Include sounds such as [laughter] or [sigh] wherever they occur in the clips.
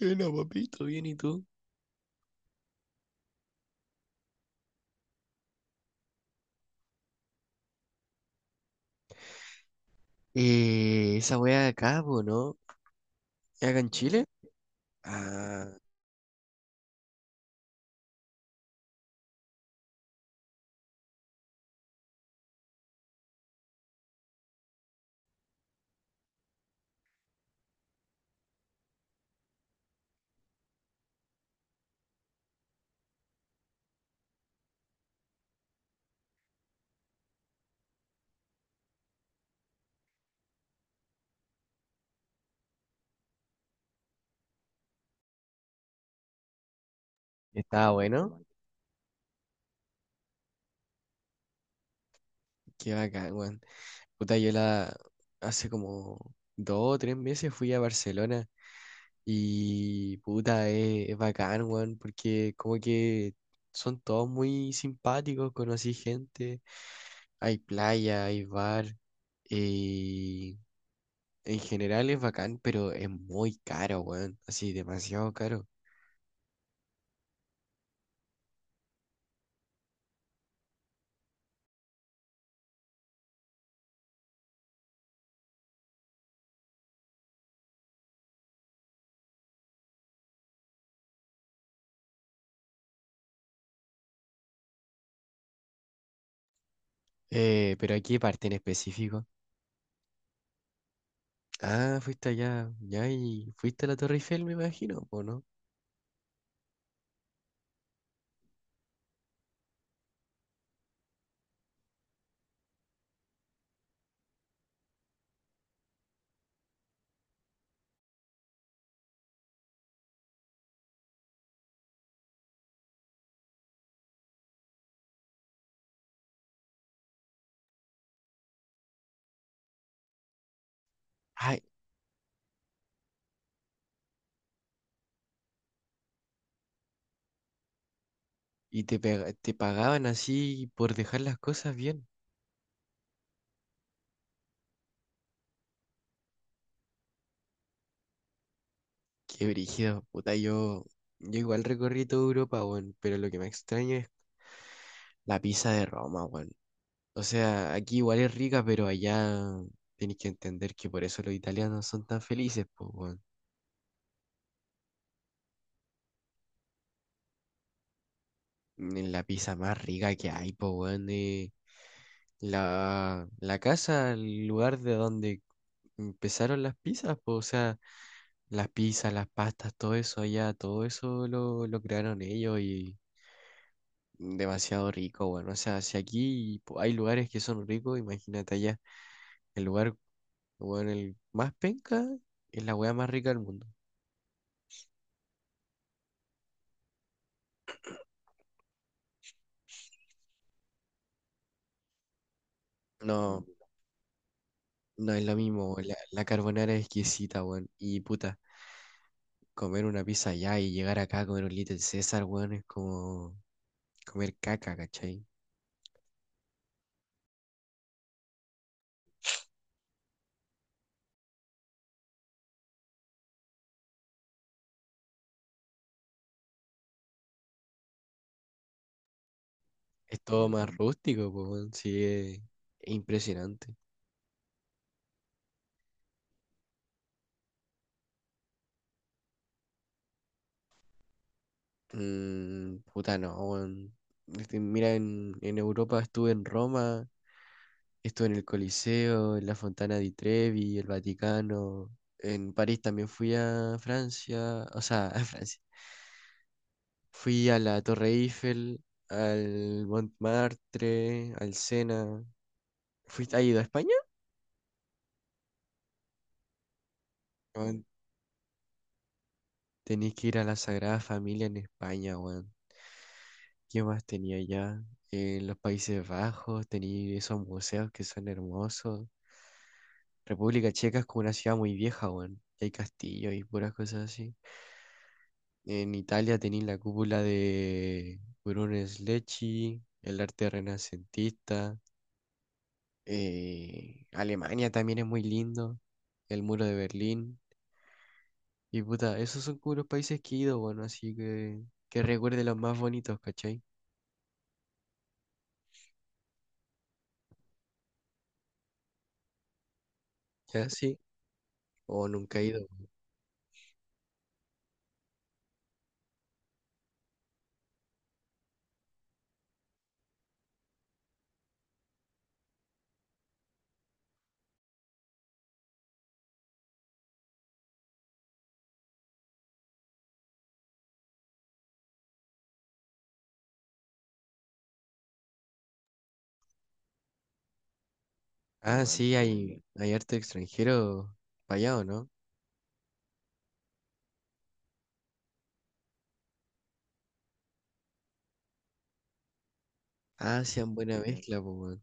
Hola, papito, bien, ¿y tú? Esa wea de acá, po, ¿no? ¿Es acá en Chile? Ah, estaba bueno. Qué bacán, weón. Puta, yo la hace como dos o tres meses fui a Barcelona y puta, es bacán, weón, porque como que son todos muy simpáticos, conocí gente, hay playa, hay bar, y en general es bacán, pero es muy caro, weón, así demasiado caro. Pero aquí parte en específico. Ah, fuiste allá, ya, y fuiste a la Torre Eiffel, me imagino, ¿o no? Ay, y te pagaban así por dejar las cosas bien. Qué brígido, puta, yo igual recorrí toda Europa, weón, pero lo que me extraña es la pizza de Roma, weón. O sea, aquí igual es rica, pero allá tenéis que entender que por eso los italianos son tan felices, pues, weón. En La pizza más rica que hay, pues, weón, la casa, el lugar de donde empezaron las pizzas, pues, o sea. Las pizzas, las pastas, todo eso allá, todo eso lo crearon ellos y demasiado rico, bueno. O sea, si aquí hay lugares que son ricos, imagínate allá. El lugar, bueno, el más penca es la weá más rica del mundo. No, no es lo mismo. La carbonara es exquisita, weón. Y puta, comer una pizza allá y llegar acá a comer un Little César, weón, es como comer caca, ¿cachai? Es todo más rústico, po, weón. Sí, es impresionante. Mm, puta, no, weón. Este, mira, en Europa estuve en Roma, estuve en el Coliseo, en la Fontana di Trevi, el Vaticano. En París también fui a Francia, o sea, [laughs] a Francia. Fui a la Torre Eiffel, al Montmartre, al Sena. ¿Fuiste, has ido a España? Weón, tenés que ir a la Sagrada Familia en España, weón. ¿Qué más tenía allá? En los Países Bajos tenía esos museos que son hermosos. República Checa es como una ciudad muy vieja, weón. Y hay castillos y puras cosas así. En Italia tenéis la cúpula de Brunelleschi, Lecce, el arte renacentista. Alemania también es muy lindo, el muro de Berlín. Y puta, esos son como los países que he ido, bueno, así que recuerde los más bonitos, ¿cachai? Ya sí, o nunca he ido. Ah, sí, hay arte extranjero para allá, ¿o no? Ah, sean buena mezcla, pues, weón,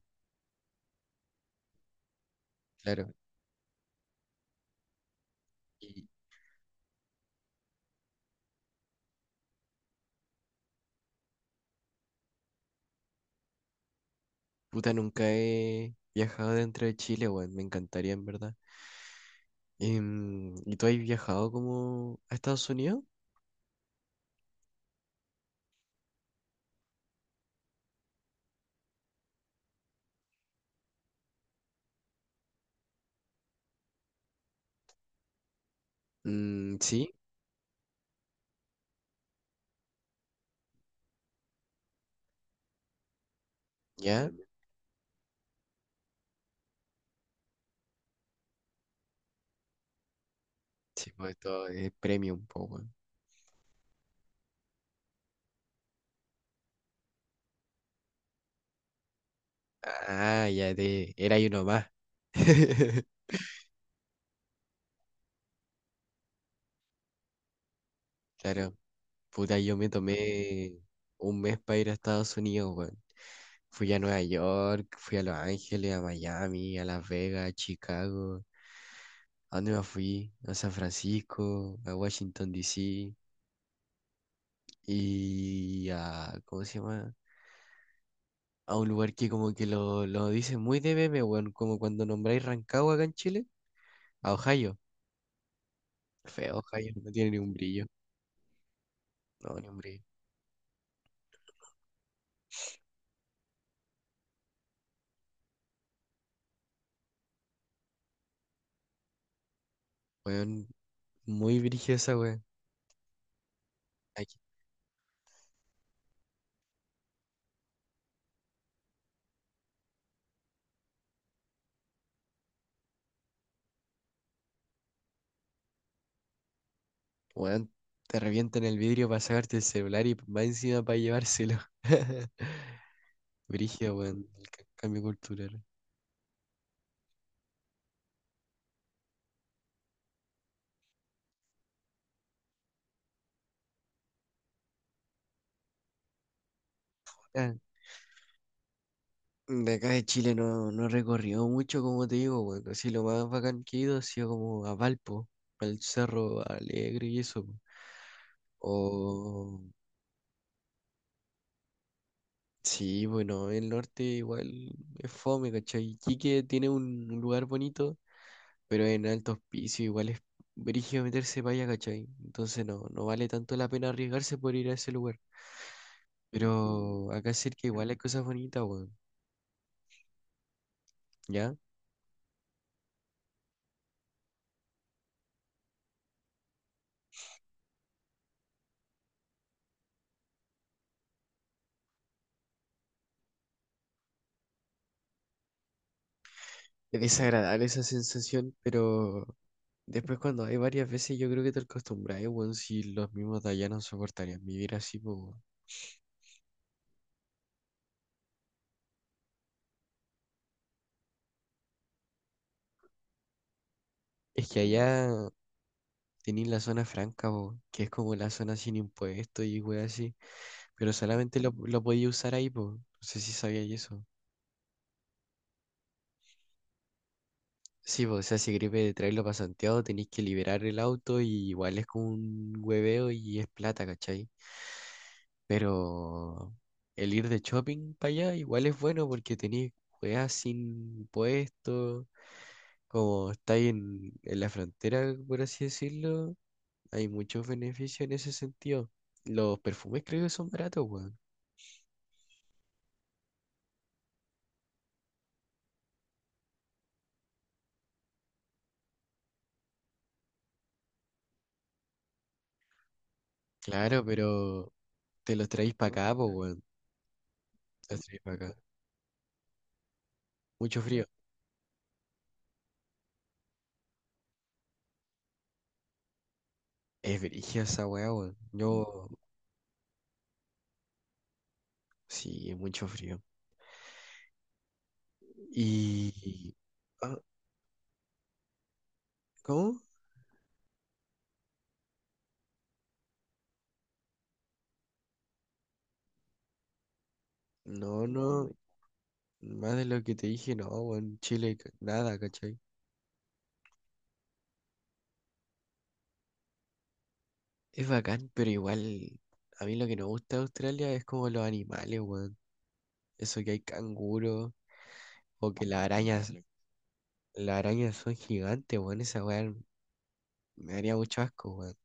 claro. Y, Puta, nunca he viajado dentro de Chile, weón. Me encantaría, en verdad. Em, ¿y tú has viajado como a Estados Unidos? Mm, sí, ya. Sí, pues esto es premium, po, weón. Ah, ya te. Era y uno más. [laughs] Claro. Puta, yo me tomé un mes para ir a Estados Unidos, weón. Fui a Nueva York, fui a Los Ángeles, a Miami, a Las Vegas, a Chicago. ¿A dónde más fui? A San Francisco, a Washington, D.C. y a, ¿cómo se llama? A un lugar que como que lo dicen muy de meme, weón, como cuando nombráis Rancagua acá en Chile, a Ohio. Feo, Ohio, no tiene ni un brillo. No, ni un brillo. Weón, muy brillosa, esa weón. Ay, weón, te revientan el vidrio para sacarte el celular y va encima para llevárselo. [laughs] Brígido, weón, el cambio cultural. De acá de Chile no, no he recorrido mucho, como te digo, bueno, así lo más bacán que he ido ha sido como a Valpo, al Cerro Alegre y eso, pues. O sí, bueno, el norte igual es fome, ¿cachai? Iquique tiene un lugar bonito, pero en altos pisos igual es brígido meterse para allá, ¿cachai? Entonces no, no vale tanto la pena arriesgarse por ir a ese lugar. Pero acá cerca igual hay cosas bonitas, bueno, ¿ya? Es desagradable esa sensación, pero después cuando hay varias veces yo creo que te acostumbras, weón, si los mismos de allá no soportarían vivir así, po, weón. Es que allá tenéis la zona franca, po, que es como la zona sin impuestos y weón así, pero solamente lo podía usar ahí, po. No sé si sabíais eso. Sí, po, o sea, si gripe traerlo para Santiago tenéis que liberar el auto y igual es como un hueveo y es plata, ¿cachai? Pero el ir de shopping para allá igual es bueno porque tenéis weas sin impuestos. Como está ahí en la frontera, por así decirlo, hay muchos beneficios en ese sentido. Los perfumes creo que son baratos, weón. Claro, pero te los traéis para acá, pues, weón. Te los traéis para acá. Mucho frío. Es brígida esa weá, weón. Sí, es mucho frío. Y... ah, ¿cómo? No, no, más de lo que te dije, no, weón. Chile, ca- nada, ¿cachai? Es bacán, pero igual, a mí lo que no me gusta de Australia es como los animales, weón. Eso que hay canguros. O que las arañas son gigantes, weón. Esa weá me haría mucho asco, weón.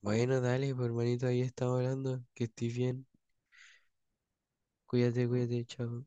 Bueno, dale, pues, hermanito, ahí estamos hablando. Que estés bien. Cuídate, cuídate, chao.